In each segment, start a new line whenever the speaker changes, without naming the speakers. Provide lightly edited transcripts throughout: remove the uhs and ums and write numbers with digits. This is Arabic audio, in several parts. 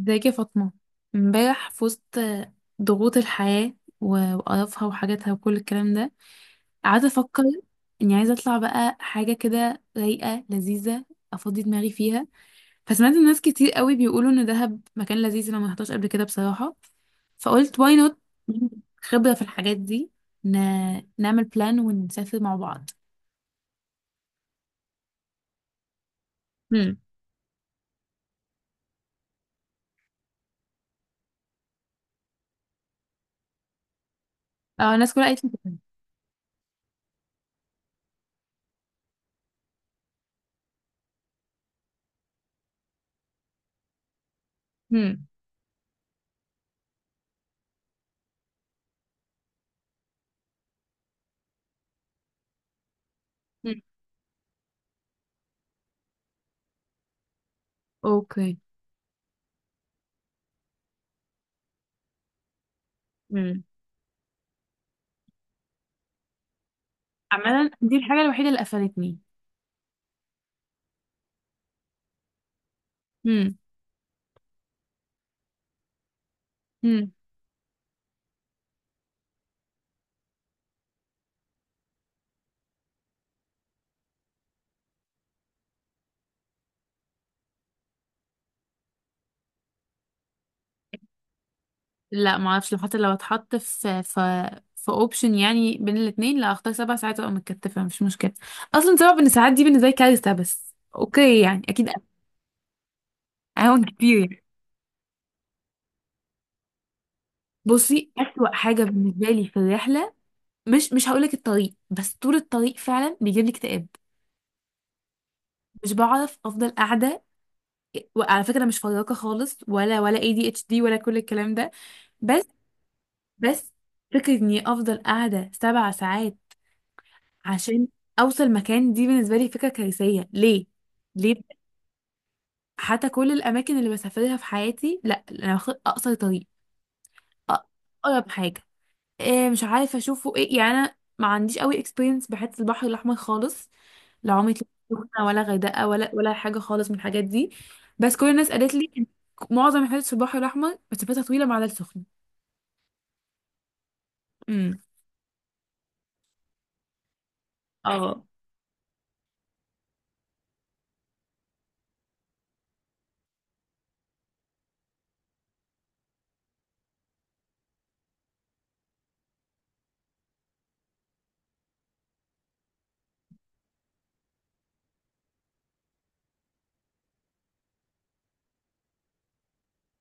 ازيك يا فاطمة؟ امبارح في وسط ضغوط الحياة وقرفها وحاجاتها وكل الكلام ده، قعدت افكر اني عايزة اطلع بقى حاجة كده رايقة لذيذة افضي دماغي فيها. فسمعت الناس كتير قوي بيقولوا ان دهب مكان لذيذ، انا ما رحتهاش قبل كده بصراحة، فقلت واي نوت خبرة في الحاجات دي. ن... نعمل بلان ونسافر مع بعض. هم. اه الناس كلها قالت لي كده. هم. هم. اوكي. هم. عملا دي الحاجة الوحيدة اللي قفلتني. هم. لا ما اعرفش، لو حتى لو اتحط في اوبشن يعني بين الاثنين، لا اختار سبع ساعات ابقى متكتفه مش مشكله. اصلا سبع بن ساعات دي بالنسبه لي كارثه، بس اوكي يعني اكيد اهون كتير يعني. بصي، اسوأ حاجه بالنسبه لي في الرحله، مش هقول لك الطريق، بس طول الطريق فعلا بيجيب لي اكتئاب. مش بعرف افضل قاعده، وعلى فكره انا مش فراقه خالص ولا اي دي اتش دي ولا كل الكلام ده. بس. بس فكره اني افضل قاعده سبع ساعات عشان اوصل مكان، دي بالنسبه لي فكره كارثيه. ليه؟ ليه؟ حتى كل الاماكن اللي بسافرها في حياتي، لا انا باخد اقصر طريق، اقرب حاجه. إيه، مش عارفه اشوفه ايه يعني، انا ما عنديش قوي اكسبيرينس بحته البحر الاحمر خالص، لا عمري طلعت سخنه ولا غردقه ولا حاجه خالص من الحاجات دي. بس كل الناس قالت لي إن معظم الحاجات في البحر الاحمر مسافتها طويله مع ده السخن. امم. اه.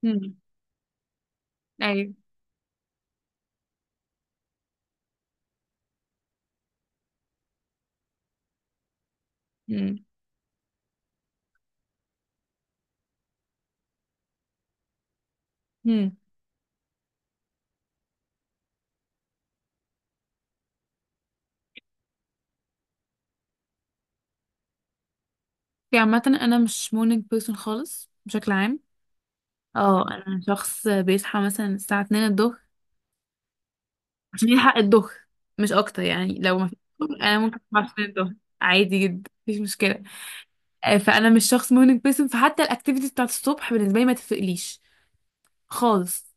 امم. ايوه. امم. امم. في عامه انا مش مورنينج بيرسون خالص بشكل عام، اه انا شخص بيصحى مثلا الساعة 2 الظهر عشان يلحق الظهر، مش اكتر. يعني لو ما فيش ظهر، انا ممكن اصحى على 2 الظهر عادي جدا، مفيش مشكلة. فانا مش شخص مورنينج بيرسون، فحتى الاكتيفيتي بتاعت الصبح بالنسبة لي ما تفرقليش خالص.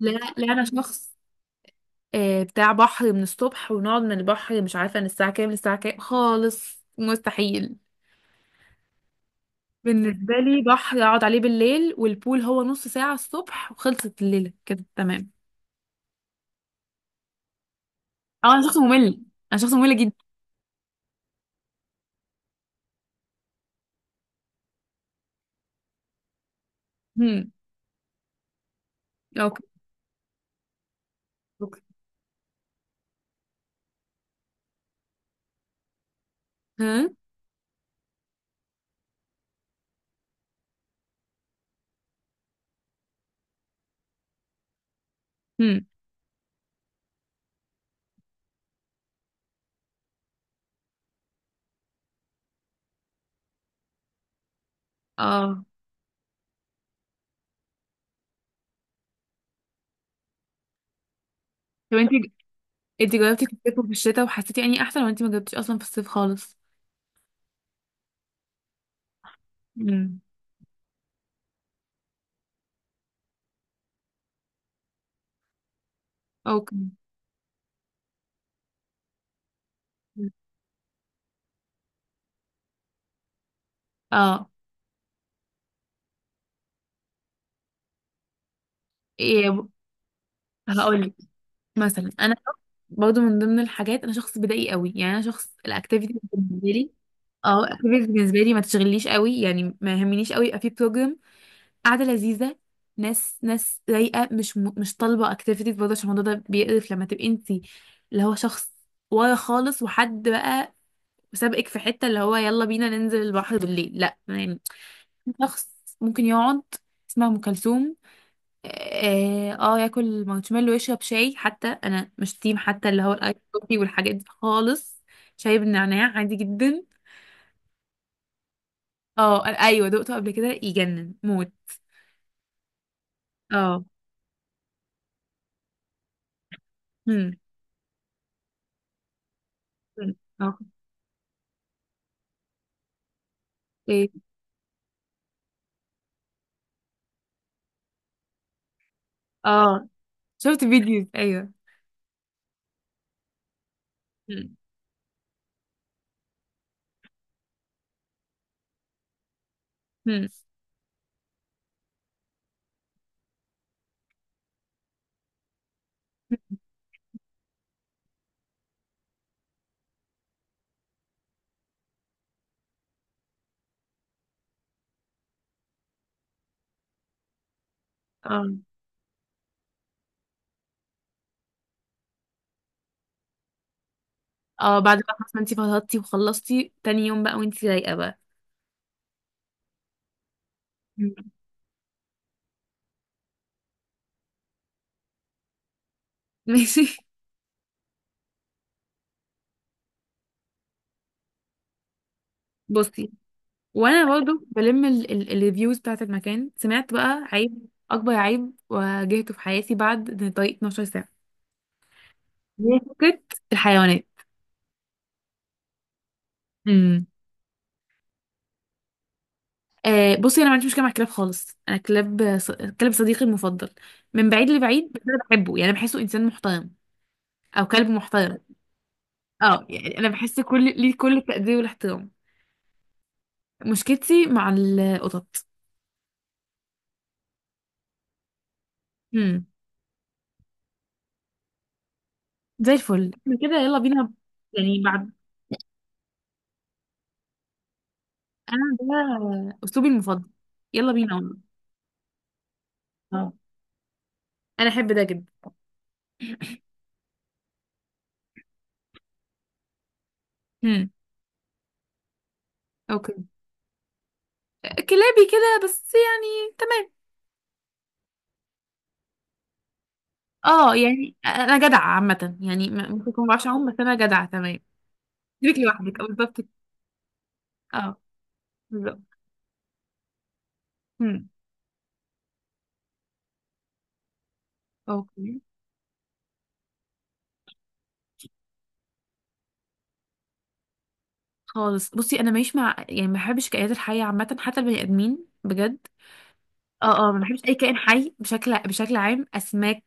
لا لا انا شخص، بتاع بحر من الصبح، ونقعد من البحر مش عارفة من الساعة كام للساعة كام، خالص مستحيل بالنسبة لي. بحر اقعد عليه بالليل، والبول هو نص ساعة الصبح وخلصت الليلة كده، تمام. اه انا شخص ممل، انا شخص ممل جدا. اوكي. اوكي. ها. هم. اه. طب انت جربتي في الصيف وفي الشتاء وحسيتي يعني احسن، ولا انت ما جربتيش اصلا في الصيف خالص؟ امم. اوكي. اه. ايه هقول لك؟ مثلا انا برضو من ضمن الحاجات، انا شخص بدائي قوي، يعني انا شخص الاكتيفيتي بالنسبه لي، اه الاكتيفيتي بالنسبه لي ما تشغلنيش قوي، يعني ما يهمنيش قوي يبقى في بروجرام، قاعده لذيذه، ناس ناس رايقه، مش طالبه اكتيفيتيز برضه، عشان الموضوع ده بيقرف لما تبقي انت اللي هو شخص ورا خالص وحد بقى وسابقك في حتة اللي هو يلا بينا ننزل البحر بالليل، لا يعني. شخص ممكن يقعد، اسمها ام كلثوم، اه، ياكل مارشميلو ويشرب شاي. حتى انا مش تيم حتى اللي هو الايس كوفي والحاجات دي خالص، شاي بالنعناع عادي جدا. اه ايوه دقته قبل كده يجنن موت. اه. هم. هم. اه. ايه؟ اه. شفت فيديوز، ايوه. هم. هم. اه. اه بعد بقى خلاص، ما انتي فضلتي وخلصتي تاني يوم بقى وانتي رايقة بقى. مم. ماشي. بصي، وانا برضه بلم الريفيوز بتاعت المكان، سمعت بقى عيب، اكبر عيب واجهته في حياتي بعد طريق 12 ساعه، هي فكره الحيوانات. امم. بصي، انا ما عنديش مشكله مع الكلاب خالص، انا كلب صديقي المفضل من بعيد لبعيد، بس انا بحبه يعني بحسه انسان محترم او كلب محترم. اه يعني انا بحس كل ليه كل التقدير والاحترام، مشكلتي مع القطط. امم. زي الفل احنا كده، يلا بينا. يعني بعد، انا ده اسلوبي المفضل، يلا بينا والله. اه انا احب ده جدا. امم. اوكي كلابي كده بس يعني، تمام. اه يعني انا جدعه عامه، يعني ممكن اكون ما بعرفش اعوم، بس انا جدعه تمام. سيبك لوحدك او بالظبط كده. اه، بالظبط. امم. اوكي خالص، بصي انا ماليش مع، يعني ما بحبش كائنات الحيه عامه، حتى البني ادمين بجد. اه اه، ما بحبش اي كائن حي بشكل عام، اسماك.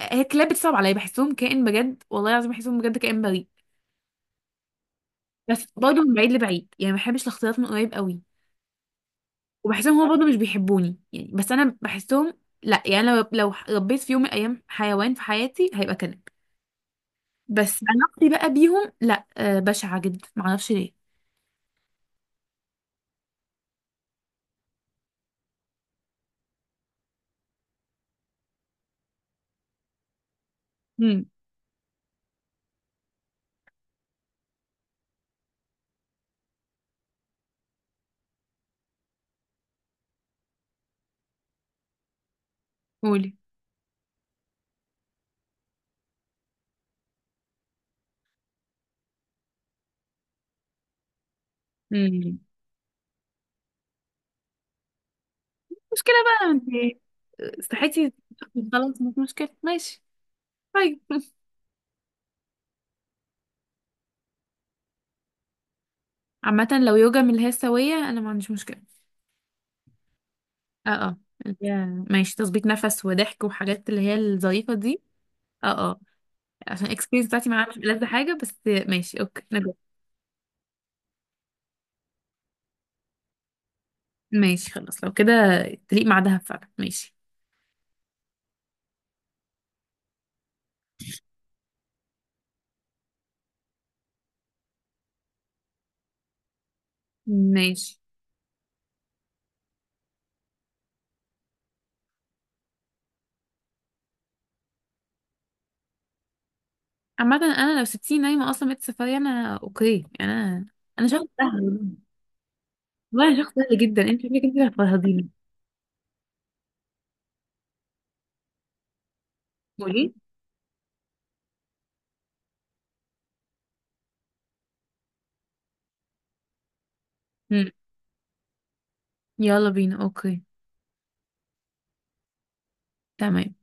هي الكلاب بتصعب عليا، بحسهم كائن بجد والله العظيم، بحسهم بجد كائن بريء، بس برضه من بعيد لبعيد، يعني ما بحبش الاختلاط من قريب قوي، وبحسهم هما برضه مش بيحبوني يعني، بس انا بحسهم. لا يعني، لو ربيت في يوم من الايام حيوان في حياتي، هيبقى كلب، بس علاقتي بقى بيهم لا بشعه جدا، ما اعرفش ليه. امم. قولي. امم. مشكله بقى انت صحتي. خلاص مش مشكله، ماشي. طيب. عامه لو يوجا من اللي هي السويه، انا ما عنديش مشكله. اه اه، ماشي تظبيط نفس وضحك وحاجات اللي هي الظريفه دي. اه. آه. عشان الاكسبيرينس بتاعتي معاها مش ألذ حاجه، بس ماشي، اوكي نجرب. ماشي خلاص لو كده، تليق مع دهب فعلا. ماشي. ماشي. عامة انا لو سبتيني نايمة اصلا بيت سفاري انا اوكي، يعني انا شخص سهل، والله أنا شخص سهل جدا، انت شكلك انت اللي هتفرهديني. قولي. امم. يلا بينا اوكي. تمام.